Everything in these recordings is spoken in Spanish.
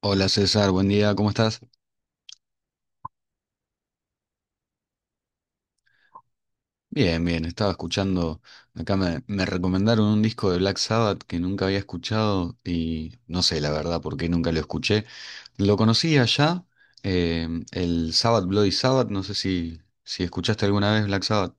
Hola César, buen día, ¿cómo estás? Bien, bien, estaba escuchando, acá me recomendaron un disco de Black Sabbath que nunca había escuchado y no sé la verdad por qué nunca lo escuché. Lo conocí allá, eh, el Sabbath Bloody Sabbath, no sé si escuchaste alguna vez Black Sabbath.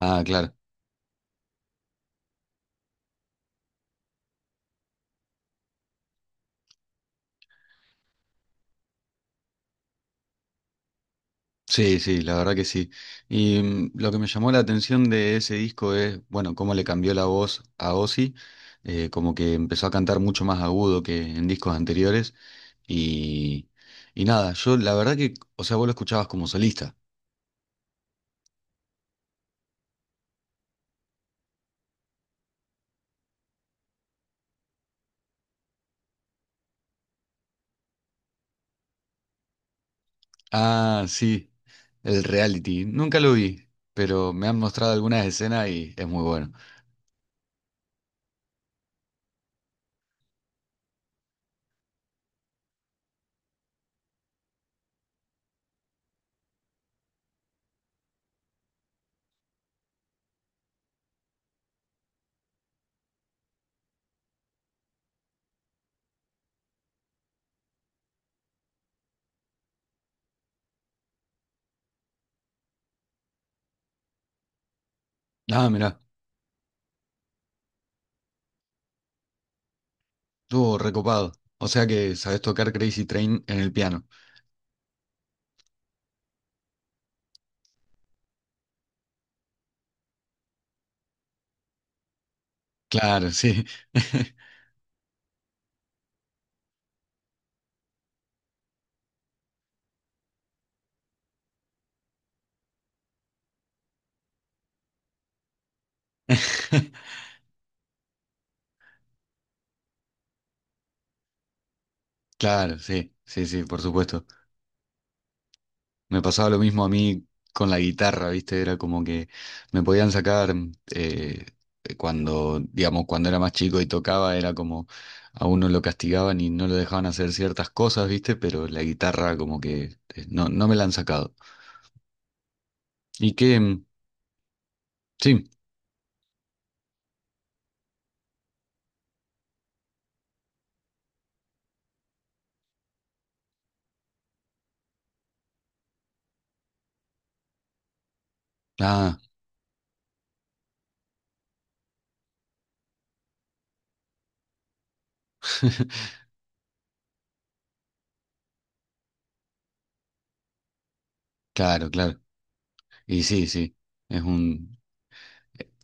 Ah, claro. Sí, sí, la verdad que sí. Y lo que me llamó la atención de ese disco es, bueno, cómo le cambió la voz a Ozzy, como que empezó a cantar mucho más agudo que en discos anteriores. Y, y nada, yo la verdad que, o sea, vos lo escuchabas como solista. Ah, sí, el reality. Nunca lo vi, pero me han mostrado algunas escenas y es muy bueno. Ah, mirá, estuvo recopado. O sea que sabés tocar Crazy Train en el piano. Claro, sí. Claro, sí, sí, sí, por supuesto. Me pasaba lo mismo a mí con la guitarra, ¿viste? Era como que me podían sacar eh, cuando, digamos, cuando era más chico y tocaba, era como a uno lo castigaban y no lo dejaban hacer ciertas cosas, ¿viste? Pero la guitarra como que no, no me la han sacado. Y que, sí, ah, claro, claro. Y sí, sí, es un,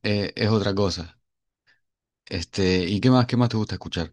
es otra cosa. Este, ¿y qué más te gusta escuchar?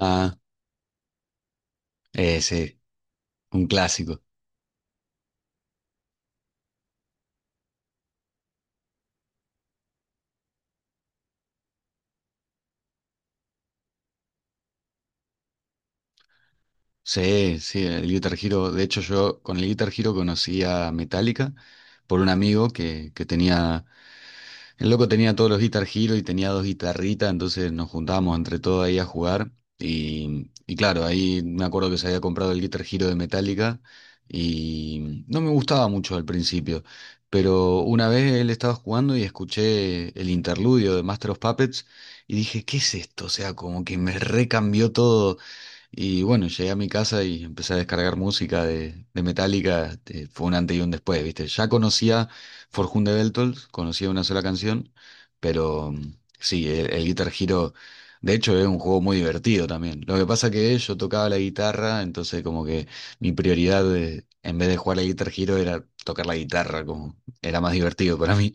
Ah, sí, un clásico. Sí, sí, el Guitar Hero. De hecho, yo con el Guitar Hero conocí a Metallica por un amigo que tenía. El loco tenía todos los Guitar Hero y tenía dos guitarritas, entonces nos juntábamos entre todos ahí a jugar. Y claro, ahí me acuerdo que se había comprado el Guitar Hero de Metallica y no me gustaba mucho al principio. Pero una vez él estaba jugando y escuché el interludio de Master of Puppets y dije, ¿qué es esto? O sea, como que me recambió todo. Y bueno, llegué a mi casa y empecé a descargar música de Metallica. Este, fue un antes y un después, ¿viste? Ya conocía Forjunde Beltold, conocía una sola canción, pero sí, el Guitar Hero, de hecho, es un juego muy divertido también. Lo que pasa que yo tocaba la guitarra, entonces como que en vez de jugar al Guitar Hero era tocar la guitarra, como era más divertido para mí.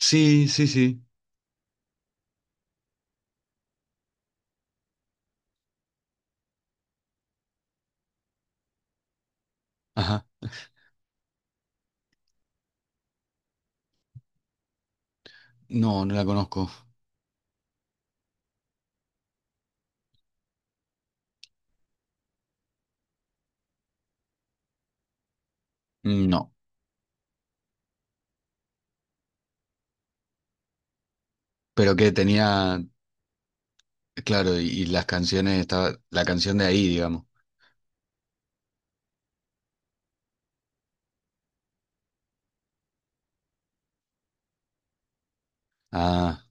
Sí, sí, sí. Ajá. No, no la conozco. No. Pero que tenía, claro, y las canciones, estaba, la canción de ahí, digamos. Ah,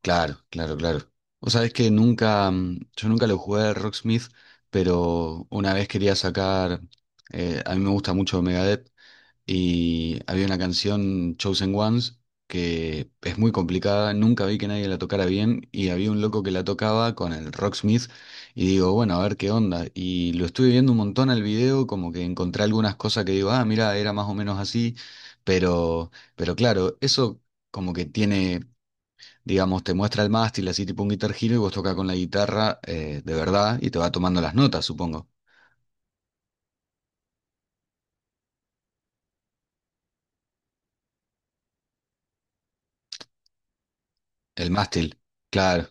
claro, claro, claro. Vos sabés que nunca, yo nunca lo jugué a Rocksmith, pero una vez quería sacar, a mí me gusta mucho Megadeth, y había una canción Chosen Ones que es muy complicada, nunca vi que nadie la tocara bien y había un loco que la tocaba con el Rocksmith y digo, bueno, a ver qué onda. Y lo estuve viendo un montón al video, como que encontré algunas cosas que digo, ah, mira, era más o menos así, pero claro, eso como que tiene, digamos, te muestra el mástil así tipo un Guitar Hero y vos tocas con la guitarra de verdad y te va tomando las notas, supongo. El mástil, claro.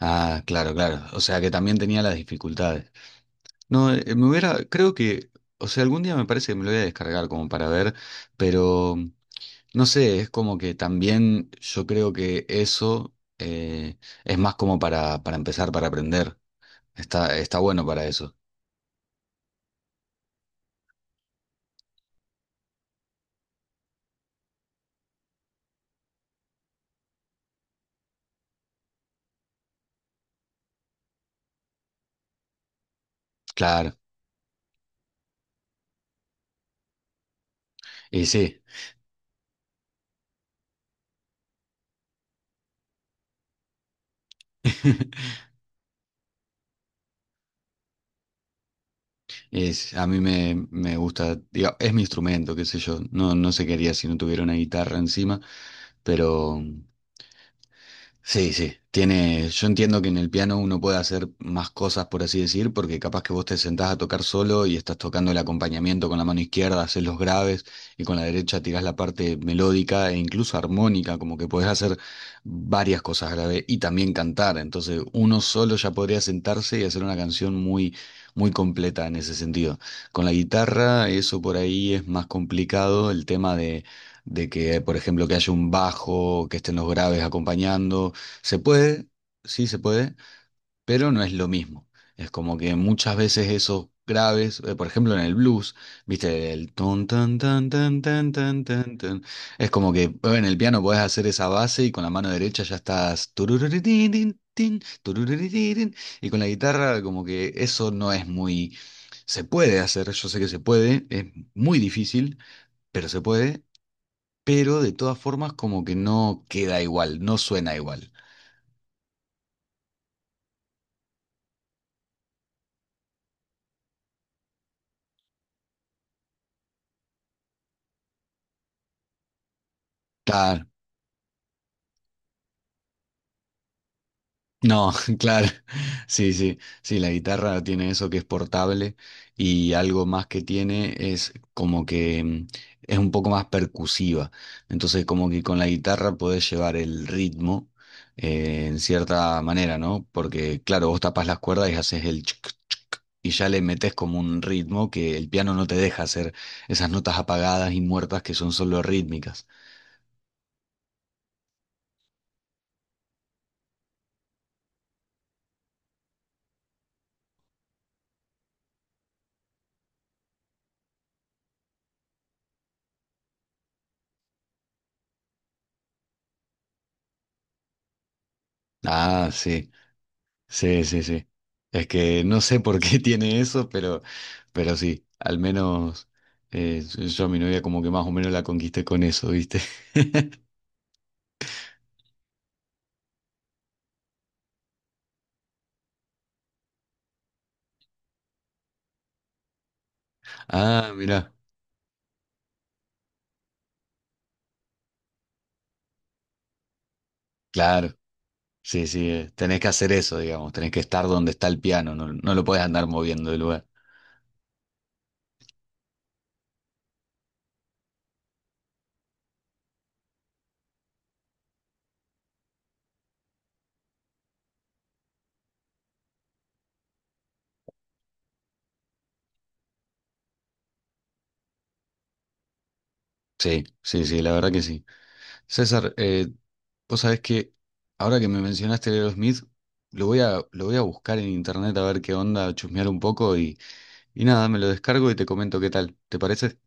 Ah, claro, claro. O sea que también tenía las dificultades. No, me hubiera, creo que, o sea, algún día me parece que me lo voy a descargar como para ver, pero no sé, es como que también yo creo que eso es más como para empezar, para aprender. Está, está bueno para eso. Claro. Y sí. Es, a mí me, me gusta, diga, es mi instrumento, qué sé yo. No, no sé qué haría si no tuviera una guitarra encima, pero. Sí, sí, tiene, yo entiendo que en el piano uno puede hacer más cosas, por así decir, porque capaz que vos te sentás a tocar solo y estás tocando el acompañamiento con la mano izquierda, haces los graves y con la derecha tirás la parte melódica e incluso armónica, como que podés hacer varias cosas graves y también cantar. Entonces, uno solo ya podría sentarse y hacer una canción muy, muy completa en ese sentido. Con la guitarra, eso por ahí es más complicado, el tema de que, por ejemplo, que haya un bajo, que estén los graves acompañando, se puede, sí se puede, pero no es lo mismo. Es como que muchas veces esos graves, por ejemplo en el blues, viste, el ton tan tan tan tan tan tan tan. Es como que en el piano podés hacer esa base y con la mano derecha ya estás turururitín, tin, tin, turururitín, y con la guitarra como que eso no es muy se puede hacer, yo sé que se puede, es muy difícil, pero se puede, pero de todas formas como que no queda igual, no suena igual. Claro. No, claro, sí, sí, sí, la guitarra tiene eso que es portable y algo más que tiene es como que es un poco más percusiva. Entonces, como que con la guitarra podés llevar el ritmo en cierta manera, ¿no? Porque, claro, vos tapás las cuerdas y haces el chic, chic, y ya le metés como un ritmo que el piano no te deja hacer esas notas apagadas y muertas que son solo rítmicas. Ah, sí. Sí, sí, sí. Es que no sé por qué tiene eso, pero sí, al menos eh, yo a mi novia como que más o menos la conquisté con eso, ¿viste? Ah, mira, claro. Sí, sí, tenés que hacer eso, digamos, tenés que estar donde está el piano, no, no lo podés andar moviendo del lugar. Sí, sí, sí, la verdad que sí. César, vos sabés que ahora que me mencionaste Leo Smith, lo voy a buscar en internet a ver qué onda, a chusmear un poco y nada, me lo descargo y te comento qué tal. ¿Te parece?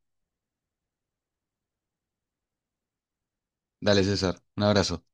Dale, César, un abrazo.